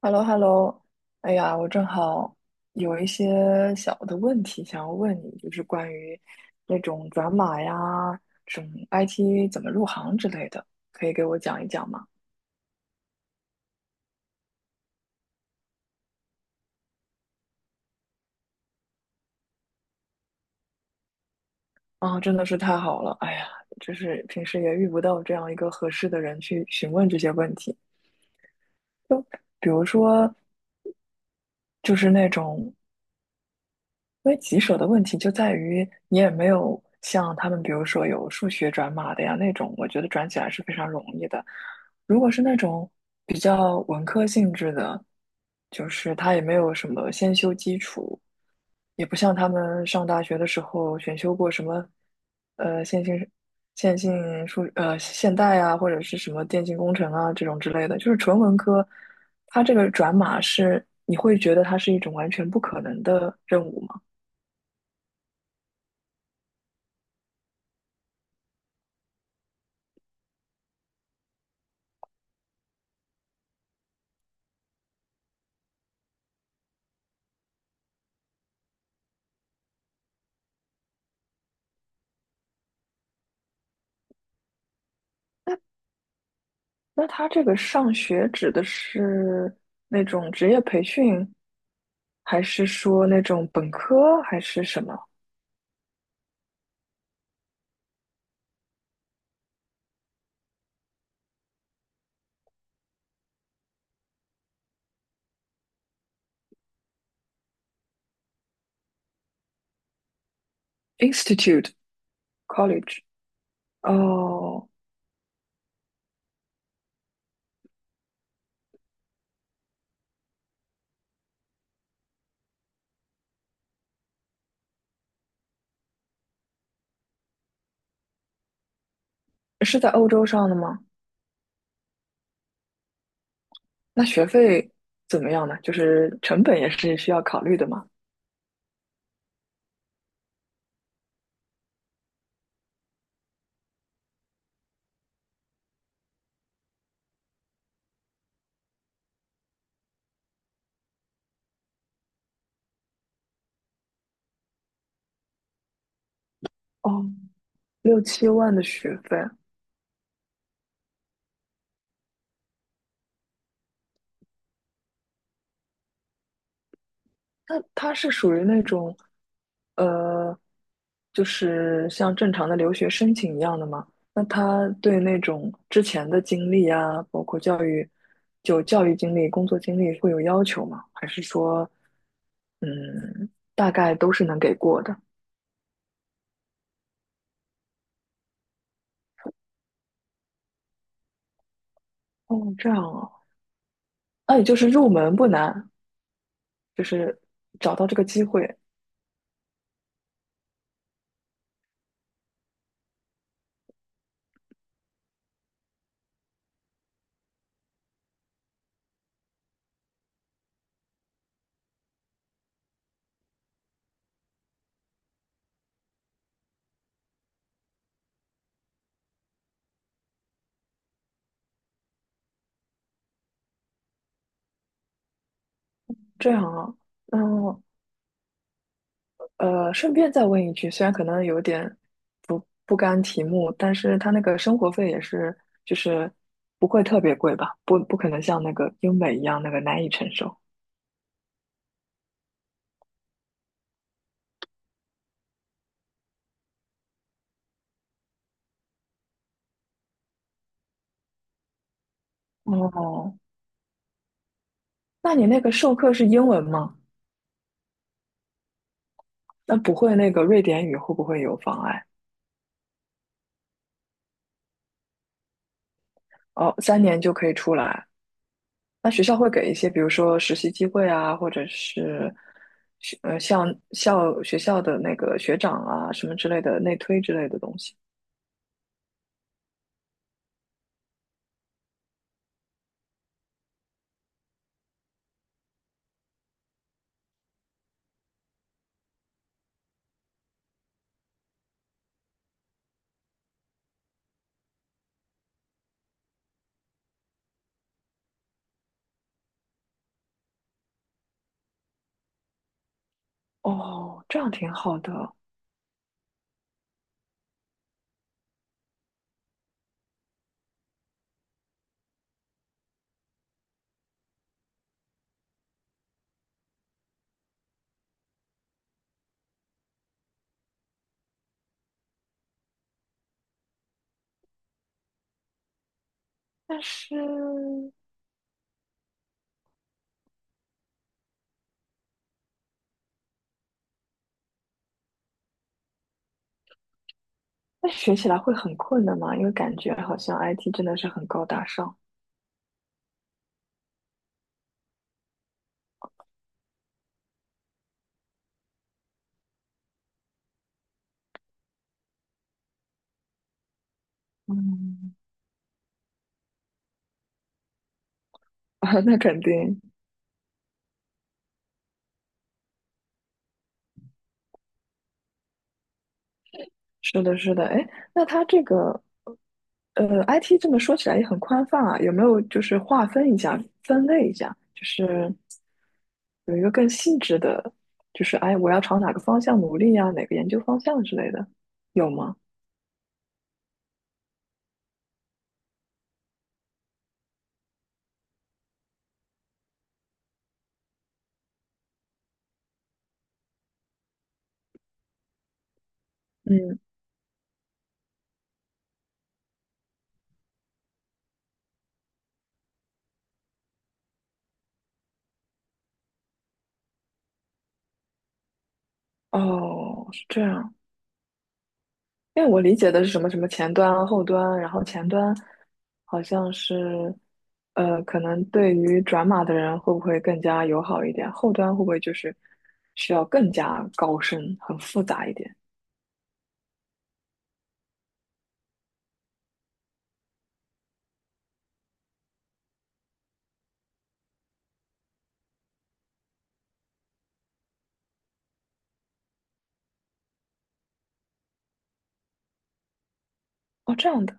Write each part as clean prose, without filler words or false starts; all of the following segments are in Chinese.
h e l l o h e l l o。 哎呀，我正好有一些小的问题想要问你，就是关于那种转码呀，什么 IT 怎么入行之类的，可以给我讲一讲吗？啊，真的是太好了，哎呀，就是平时也遇不到这样一个合适的人去询问这些问题，比如说就是那种因为棘手的问题就在于你也没有像他们，比如说有数学转码的呀那种，我觉得转起来是非常容易的。如果是那种比较文科性质的，就是他也没有什么先修基础，也不像他们上大学的时候选修过什么，呃，线性线性现代啊，或者是什么电信工程啊这种之类的，就是纯文科，它这个转码是你会觉得它是一种完全不可能的任务吗？那他这个上学指的是那种职业培训，还是说那种本科，还是什么 institute college？哦，是在欧洲上的吗？那学费怎么样呢？就是成本也是需要考虑的嘛。哦，六七万的学费，那他是属于那种，呃，就是像正常的留学申请一样的吗？那他对那种之前的经历啊，包括教育，就教育经历、工作经历会有要求吗？还是说，嗯，大概都是能给过的？哦，这样啊，那也就是入门不难，就是找到这个机会，这样啊，那顺便再问一句，虽然可能有点不甘题目，但是他那个生活费也是，就是不会特别贵吧？不可能像那个英美一样那个难以承受。哦，那你那个授课是英文吗？那不会那个瑞典语会不会有妨碍？哦，三年就可以出来。那学校会给一些，比如说实习机会啊，或者是像学校的那个学长啊什么之类的内推之类的东西。哦，这样挺好的。但是那学起来会很困难嘛，因为感觉好像 IT 真的是很高大上。嗯，啊，那肯定是的，是的。哎，那它这个IT 这么说起来也很宽泛啊，有没有就是划分一下、分类一下，就是有一个更细致的，就是哎，我要朝哪个方向努力呀、哪个研究方向之类的，有吗？嗯，哦，是这样。因为我理解的是什么什么前端啊、后端啊，然后前端好像是，可能对于转码的人会不会更加友好一点？后端会不会就是需要更加高深、很复杂一点？哦，这样的，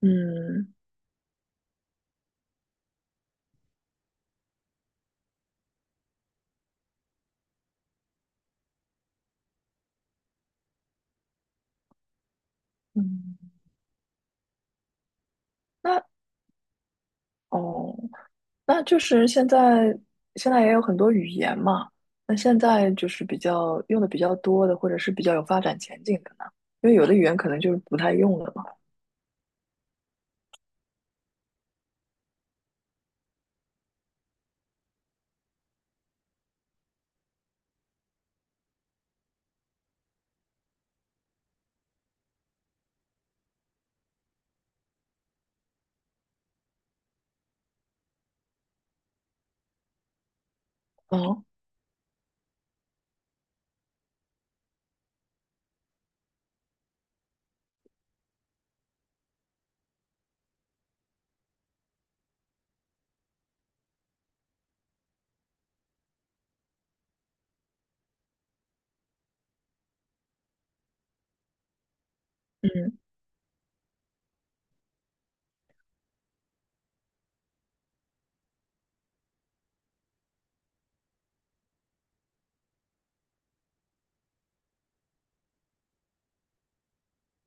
嗯嗯，那哦，那就是现在也有很多语言嘛，那现在就是比较用的比较多的，或者是比较有发展前景的呢，因为有的语言可能就是不太用了嘛。哦，嗯，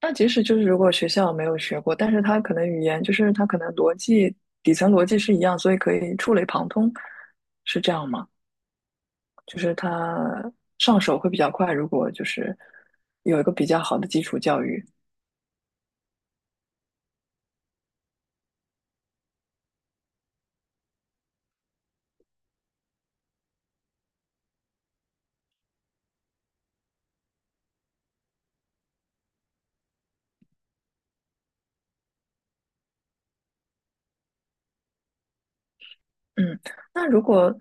那即使就是如果学校没有学过，但是他可能语言就是他可能逻辑底层逻辑是一样，所以可以触类旁通，是这样吗？就是他上手会比较快，如果就是有一个比较好的基础教育。嗯，那如果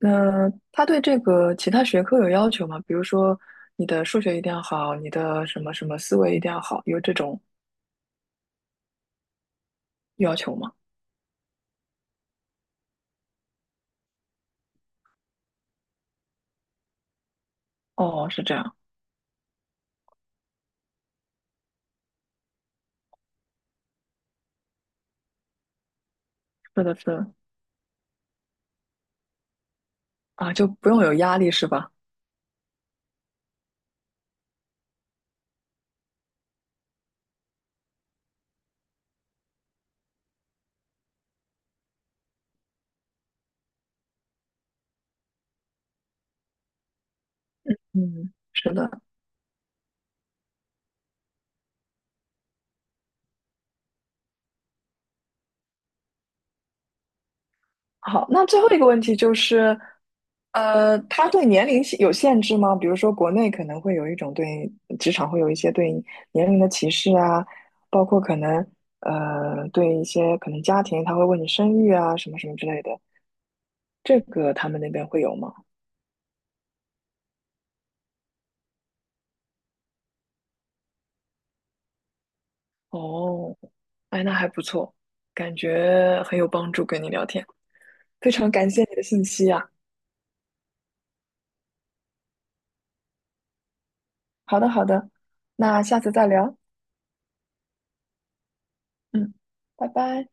他对这个其他学科有要求吗？比如说你的数学一定要好，你的什么什么思维一定要好，有这种要求吗？哦，是这样，是的，是的啊，就不用有压力是吧？嗯，是的。好，那最后一个问题就是，他对年龄限有限制吗？比如说，国内可能会有一种对职场会有一些对年龄的歧视啊，包括可能对一些可能家庭他会问你生育啊什么什么之类的，这个他们那边会有吗？哦，哎，那还不错，感觉很有帮助，跟你聊天，非常感谢你的信息啊。好的，好的，那下次再聊，嗯，拜拜。